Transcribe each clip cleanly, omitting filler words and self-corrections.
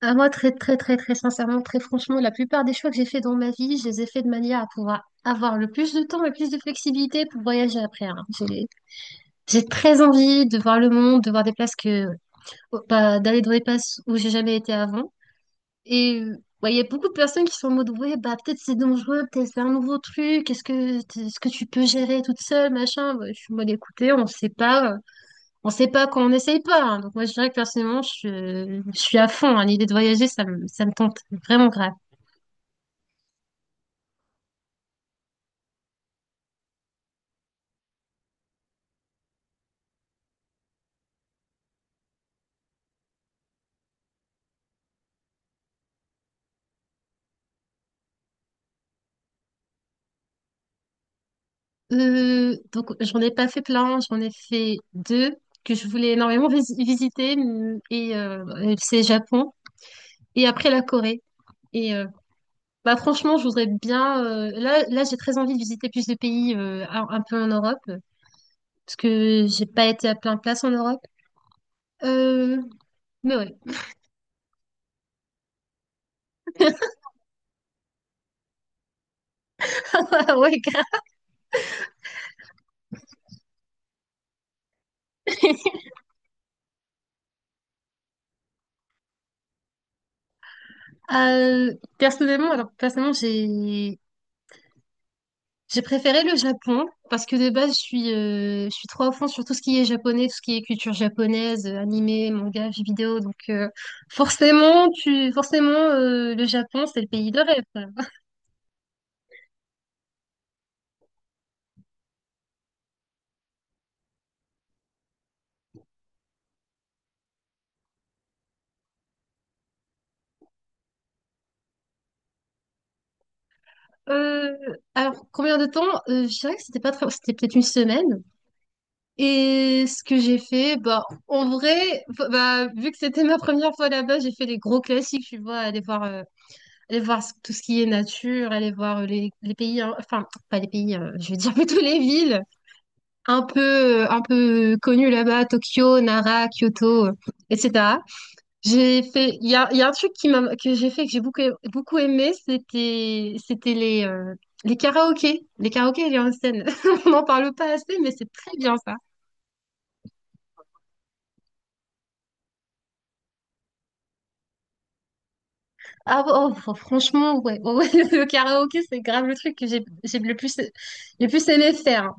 Ah, moi, très, très, très, très sincèrement, très franchement, la plupart des choix que j'ai fait dans ma vie, je les ai faits de manière à pouvoir avoir le plus de temps, le plus de flexibilité pour voyager après, hein. J'ai très envie de voir le monde, de voir des places oh, bah, d'aller dans des places où j'ai jamais été avant. Et ouais, il y a beaucoup de personnes qui sont en mode, ouais, bah, peut-être c'est dangereux, peut-être c'est un nouveau truc, est-ce que tu peux gérer toute seule, machin. Ouais, je suis en mode, écoutez, on sait pas. On sait pas quand on n'essaye pas, hein. Donc moi, je dirais que personnellement, je suis à fond, hein. L'idée de voyager, ça me tente vraiment grave. Donc j'en ai pas fait plein, j'en ai fait deux que je voulais énormément visiter c'est le Japon et après la Corée. Et bah franchement, je voudrais bien. Là, j'ai très envie de visiter plus de pays un peu en Europe, parce que j'ai pas été à plein de places en Europe. Euh, mais ouais, ouais, grave. Euh, alors personnellement, j'ai préféré le Japon parce que de base, je suis trop à fond sur tout ce qui est japonais, tout ce qui est culture japonaise, animé, manga, jeux vidéo. Donc, forcément, le Japon, c'est le pays de rêve, quoi. Euh, alors, combien de temps? Je dirais que c'était pas très, c'était peut-être une semaine. Et ce que j'ai fait, bah, en vrai, vu que c'était ma première fois là-bas, j'ai fait les gros classiques, tu vois, aller voir tout ce qui est nature, aller voir les pays, hein, enfin, pas les pays, hein, je veux dire plutôt les villes un peu, un peu connues là-bas, Tokyo, Nara, Kyoto, etc. J'ai fait, il y a un truc qui que j'ai fait, que j'ai beaucoup, beaucoup aimé, c'était les karaokés et les onsen. On n'en parle pas assez, mais c'est très bien ça. Ah ouais, oh, franchement, ouais, ouais, ouais, le karaoké, c'est grave le truc que j'ai le plus aimé faire, hein.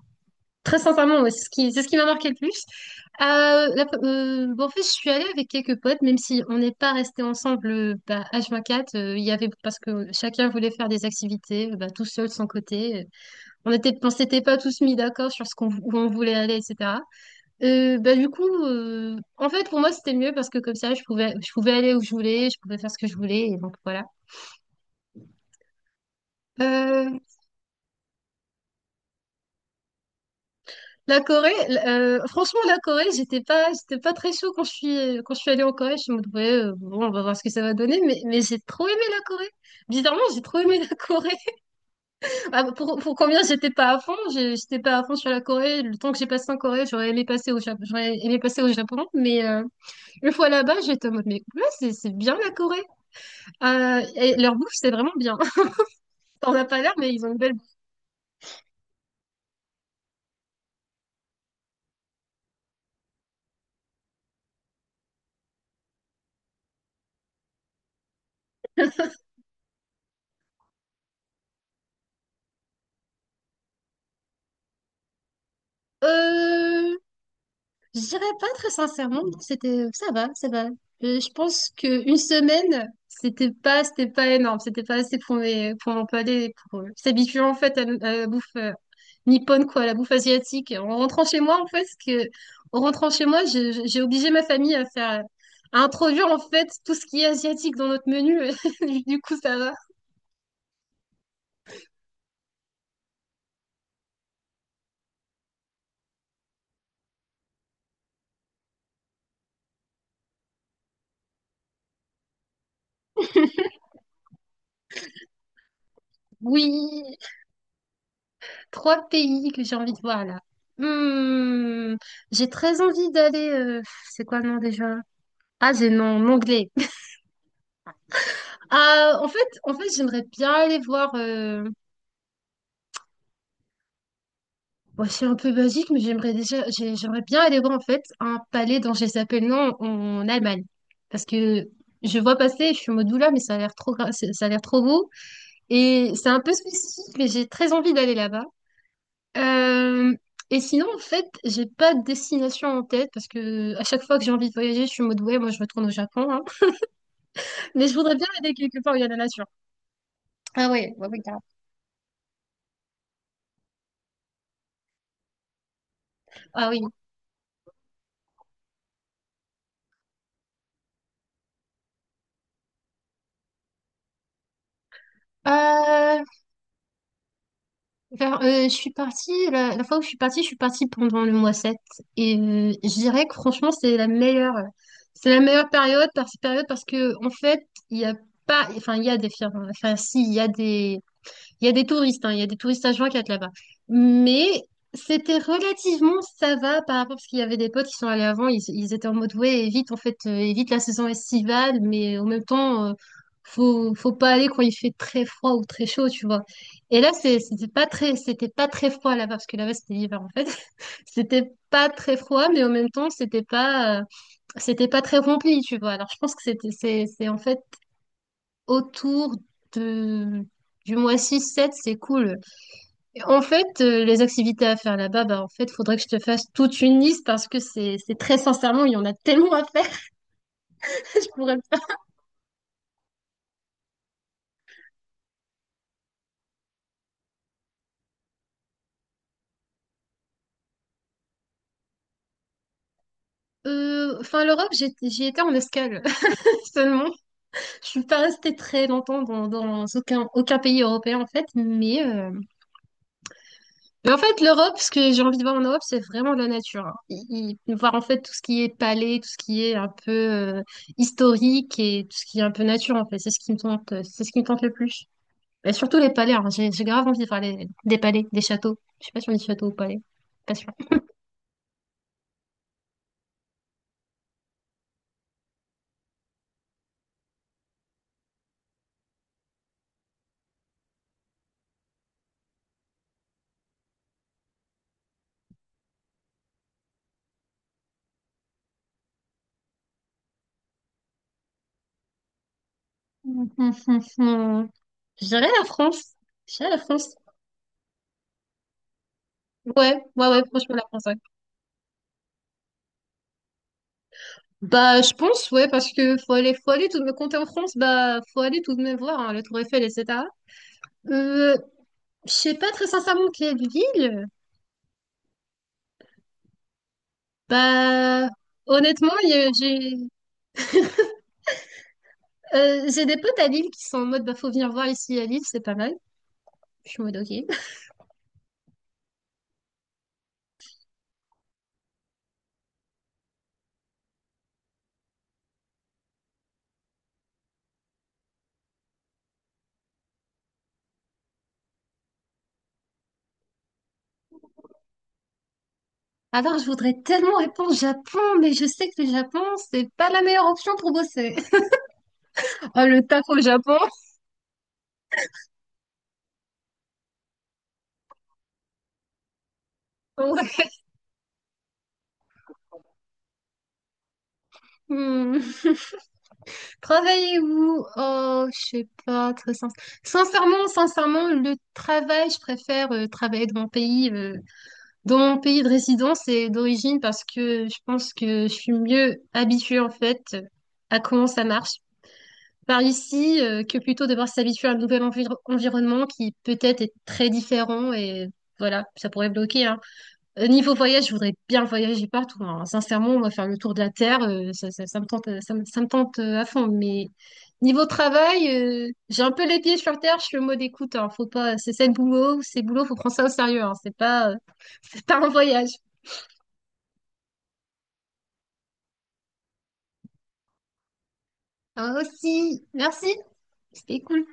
Très sincèrement, ouais, c'est ce qui m'a marqué le plus. Bon, en fait, je suis allée avec quelques potes, même si on n'est pas resté ensemble bah, H24. Il y avait, parce que chacun voulait faire des activités, bah, tout seul, de son côté, On était, on s'était pas tous mis d'accord sur ce qu'on, où on voulait aller, etc. Du coup, en fait, pour moi, c'était mieux parce que comme ça, je pouvais aller où je voulais, je pouvais faire ce que je voulais. Et donc, voilà. Euh, la Corée, franchement, la Corée, j'étais pas très chaud quand je suis allée en Corée. Je me disais, ouais, bon, on va voir ce que ça va donner, mais j'ai trop aimé la Corée. Bizarrement, j'ai trop aimé la Corée. Pour combien j'étais pas à fond, j'étais pas à fond sur la Corée. Le temps que j'ai passé en Corée, j'aurais aimé passer au Japon, j'aurais aimé passer au Japon, mais une fois là-bas, j'étais en mode, mais ouais, c'est bien la Corée. Et leur bouffe, c'est vraiment bien. T'en as pas l'air, mais ils ont une belle bouffe. Euh, Je dirais pas très sincèrement, non, c'était ça va, ça va. Je pense que une semaine, c'était pas énorme, c'était pas assez pour mes pour mon palais pour s'habituer en fait à la bouffe nippone quoi, à la bouffe asiatique. En rentrant chez moi en fait, parce que en rentrant chez moi, j'ai obligé ma famille à introduire en fait tout ce qui est asiatique dans notre menu. Du coup, ça va. Oui, trois pays que j'ai envie de voir là. Hmm, j'ai très envie d'aller. C'est quoi le nom déjà? Ah, j'ai non mon anglais. Ah, en fait, j'aimerais bien aller voir. Bon, c'est un peu basique, mais j'aimerais bien aller voir en fait un palais dont je sais pas le nom en Allemagne, parce que je vois passer, je suis en mode oula, mais ça a l'air ça a l'air trop beau, et c'est un peu spécifique, mais j'ai très envie d'aller là-bas. Euh, Et sinon, en fait, j'ai pas de destination en tête parce que à chaque fois que j'ai envie de voyager, je suis en mode ouais, moi je retourne au Japon, hein. Mais je voudrais bien aller quelque part où il y a la nature. Ah ouais, ouais, ouais, grave. Ah oui. Euh, je suis partie, la fois où je suis partie pendant le mois sept. Et je dirais que franchement, c'est la meilleure période, par période parce que, en fait, il y a pas, enfin, il y a des firmes, enfin, si, il y a des touristes, hein, il y a des touristes à quatre là-bas. Mais c'était relativement ça va par rapport, parce qu'il y avait des potes qui sont allés avant, ils étaient en mode ouais, évite en fait, évite la saison estivale, mais en même temps, faut pas aller quand il fait très froid ou très chaud, tu vois. Et là, c'était pas très froid là-bas, parce que là-bas c'était l'hiver en fait. C'était pas très froid, mais en même temps, c'était pas très rempli, tu vois. Alors je pense que c'est en fait autour de, du mois six sept c'est cool. En fait, les activités à faire là-bas, bah, en fait, faudrait que je te fasse toute une liste parce que c'est très sincèrement, il y en a tellement à faire. Je pourrais. L'Europe, j'y étais en escale seulement. Je suis pas restée très longtemps dans, dans aucun, aucun pays européen en fait, mais en fait, l'Europe, ce que j'ai envie de voir en Europe, c'est vraiment de la nature, hein. Voir en fait tout ce qui est palais, tout ce qui est un peu historique et tout ce qui est un peu nature en fait, c'est ce qui me tente le plus. Et surtout les palais, hein. J'ai grave envie de faire des palais, des châteaux. Je sais pas si on dit château ou palais. Pas sûr. Hum. Je dirais la France. Je dirais la France. Ouais, ouais, ouais, franchement, la France, ouais. Bah, je pense, ouais, parce que faut aller tout de même, quand en France, bah, faut aller tout de même voir, hein, la Tour Eiffel, etc. Euh, je sais pas très sincèrement quelle ville. Bah, honnêtement, j'ai des potes à Lille qui sont en mode, bah, faut venir voir ici à Lille, c'est pas mal. Je suis en mode, ok. Alors, je voudrais tellement répondre Japon, mais je sais que le Japon, c'est pas la meilleure option pour bosser. Oh, le taf au Japon. Ouais. Hmm. Travailler où? Oh, je sais pas, sincèrement, sincèrement, le travail, je préfère travailler dans mon pays de résidence et d'origine parce que je pense que je suis mieux habituée en fait à comment ça marche. Par ici que plutôt devoir s'habituer à un nouvel environnement qui peut-être est très différent et voilà, ça pourrait bloquer, hein. Niveau voyage, je voudrais bien voyager partout, hein. Sincèrement, on va faire le tour de la Terre, ça me tente, ça me tente à fond. Mais niveau travail, j'ai un peu les pieds sur terre, je suis en mode écoute, hein, faut pas, c'est le boulot, faut prendre ça au sérieux, hein. C'est pas, c'est pas un voyage. Ah, aussi, merci, c'était cool.